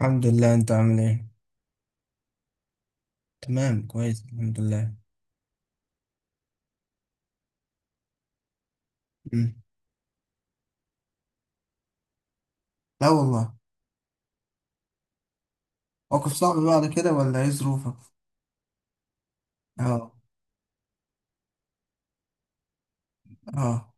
الحمد لله، انت عامل ايه؟ تمام، كويس، الحمد لله. مم. لا والله. موقف صعب بعد كده ولا ايه ظروفك؟ اه، اه.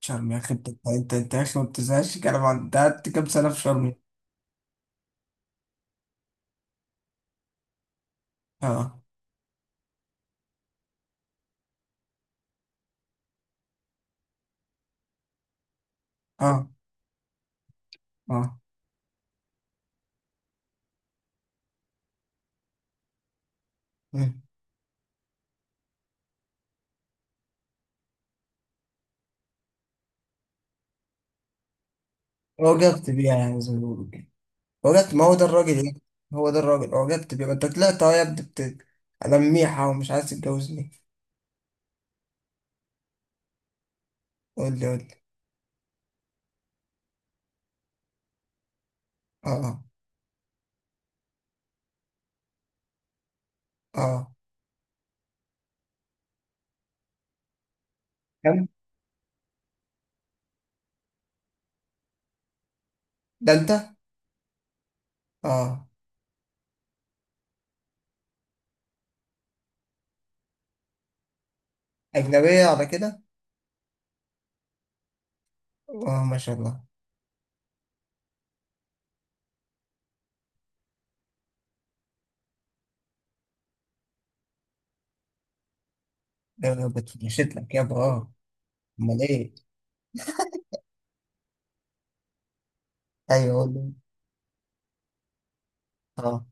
شرم يا اخي، انت يا اخي ما بتزهقش كلام انت قعدت كام سنه في شرم؟ اه، اه، اه. مم. اعجبت بيها يعني زي ما بيقولوا كده. اعجبت، ما هو ده الراجل يعني. هو ده الراجل، اعجبت بيها، ما انت طلعت اهو يا ابني بت. انا ميحه ومش عايز تتجوزني. قول لي، قول لي. اه، اه. كم؟ ده انت. اه. اجنبيه على كده. اه، ما شاء الله. ده انا بتمشيت لك يابا، اه. امال ايه. ايوه والله. اه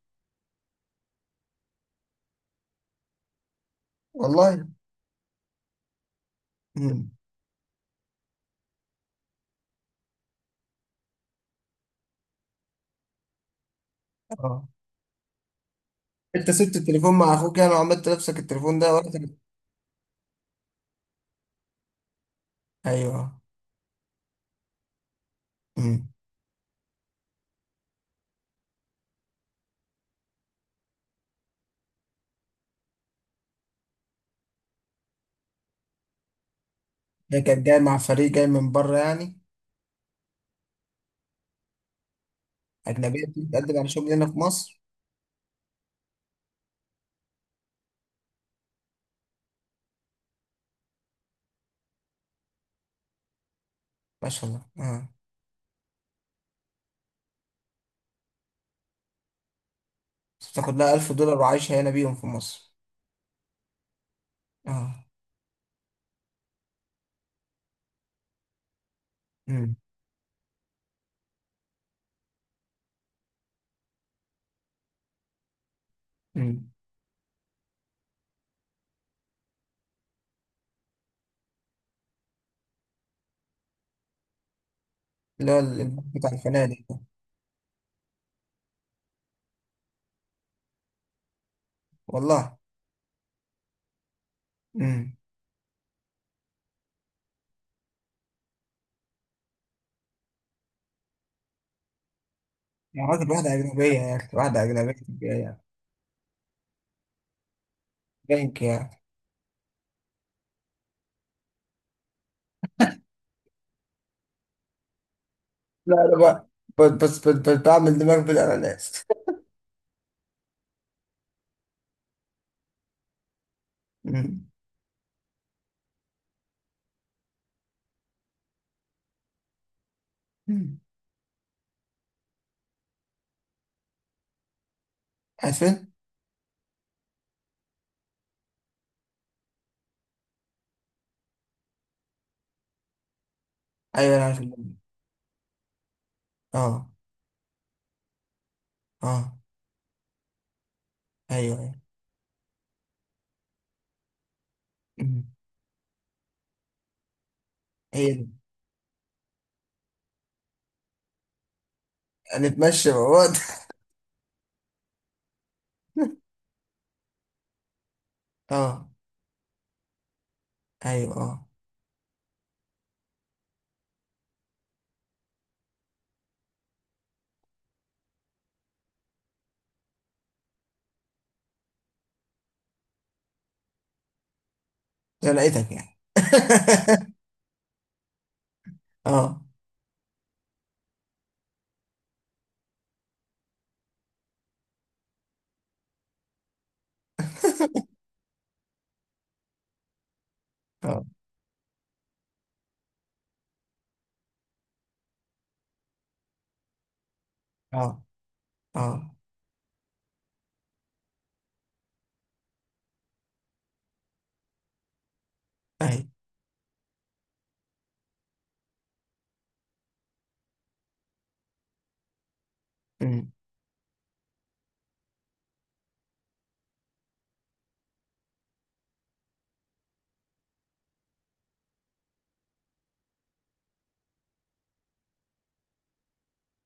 والله. امم. اه. انت سبت التليفون مع اخوك يعني وعملت نفسك التليفون ده ورحت؟ ايوه. امم. ده كان جاي مع فريق جاي من بره يعني؟ اجنبيه بتقدم على شغل هنا في مصر؟ ما شاء الله، اه. بتاخد لها 1000 دولار وعايشه هنا بيهم في مصر؟ اه. امم. امم. اللي هو بتاع الفنادق ده. والله. امم. يا راجل واحده اجنبيه يا اخي، واحده اجنبيه جايه. بنك. لا، لا بقى. بس بس بس بس بعمل دماغ بالأناناس. مم. مم. عارفين؟ أيوه، أنا عارف اللون. أه، أه. أيوه، أيوه. مم. هي دي. هنتمشى مع بعض. أه. أيوه، أه. ده لقيتك يعني. أه، أه، أه، أه. أيوه. مم.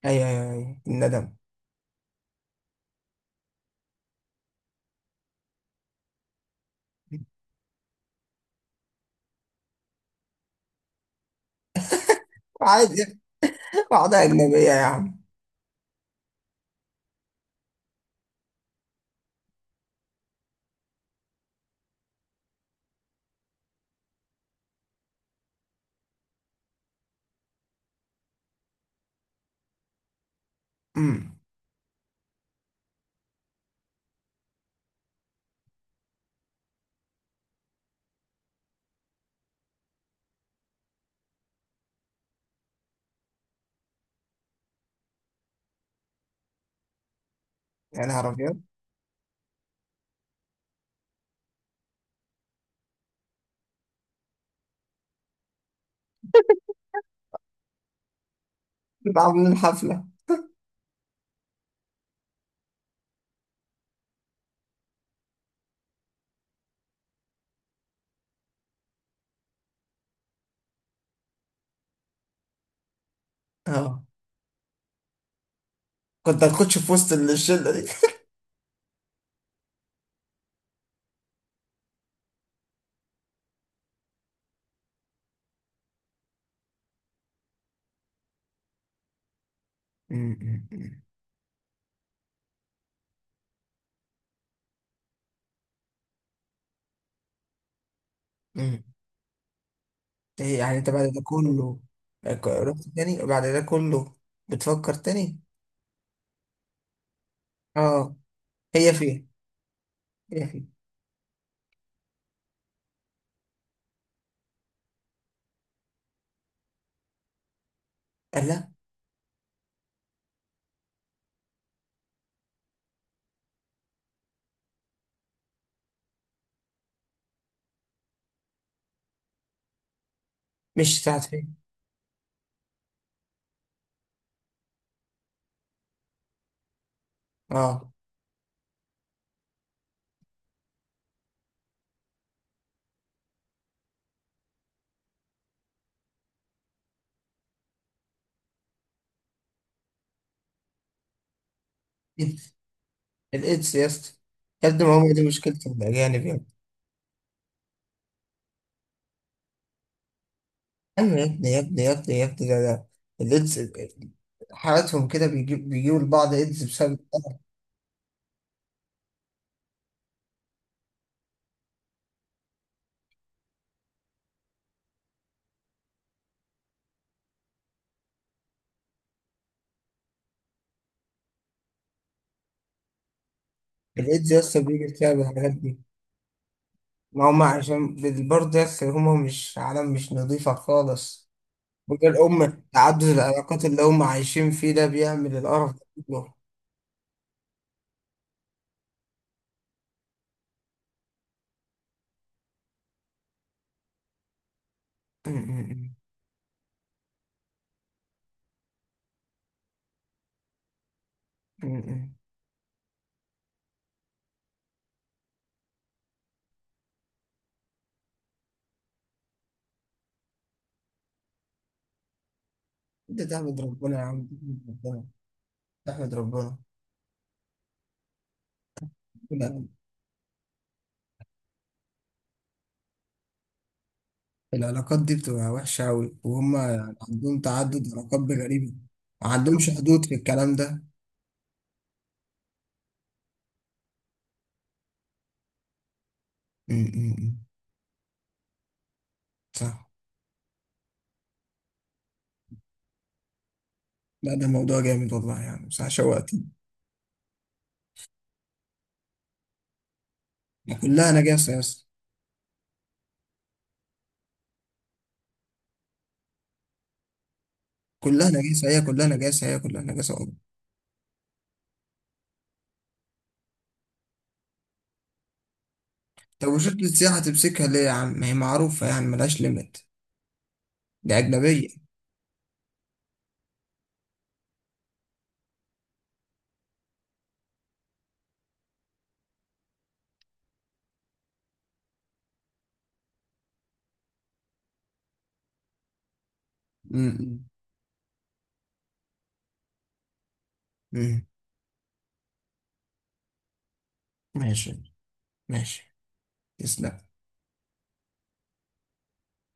أيوه، أيوه، أيوه، الندم. عادي. بعضها أجنبية يا عم. مم. يا نهار أبيض. نبقى عاملين حفلة. أه. كنت هتخش في وسط الشلة دي. مم. مم. مم. ايه يعني انت بعد ده كله؟ رحت تاني وبعد ده كله؟ بتفكر تاني؟ اه. هي فين؟ هي فين؟ قال لا. مش بتاعت فين. اه. إيدز. الايدز يا اسطى. يا ابني ما هو دي مشكلة الاجانب يا ابني. ايوه يا ابني يا ابني يا ابني يا ابني، ده. الايدز. حالاتهم كده بيجيبوا لبعض ايدز بسبب. الايدز يا اسطى بيجي بسبب الحاجات دي. ما هم عشان. برضه يا اسطى هم مش عالم، مش نظيفة خالص. وده الأم تعدد العلاقات اللي هم عايشين فيه ده بيعمل القرف ده كله. ده تحمد ربنا يا عم، تحمد ربنا. تحمد ربنا. لا، العلاقات دي بتبقى وحشة أوي، وهم يعني عندهم تعدد علاقات غريبة. ما عندهمش حدود في الكلام ده. م. صح. لا، ده موضوع جامد والله، يعني صح، شوقتني. كلها نجاسة يا اسطى. كلها نجاسة، هي كلها نجاسة، هي كلها نجاسة والله. طب وشرطة السياحة تمسكها ليه يا عم، ما هي معروفة يعني، ملهاش ليميت. دي أجنبية. مم. ماشي. ماشي. تسلم.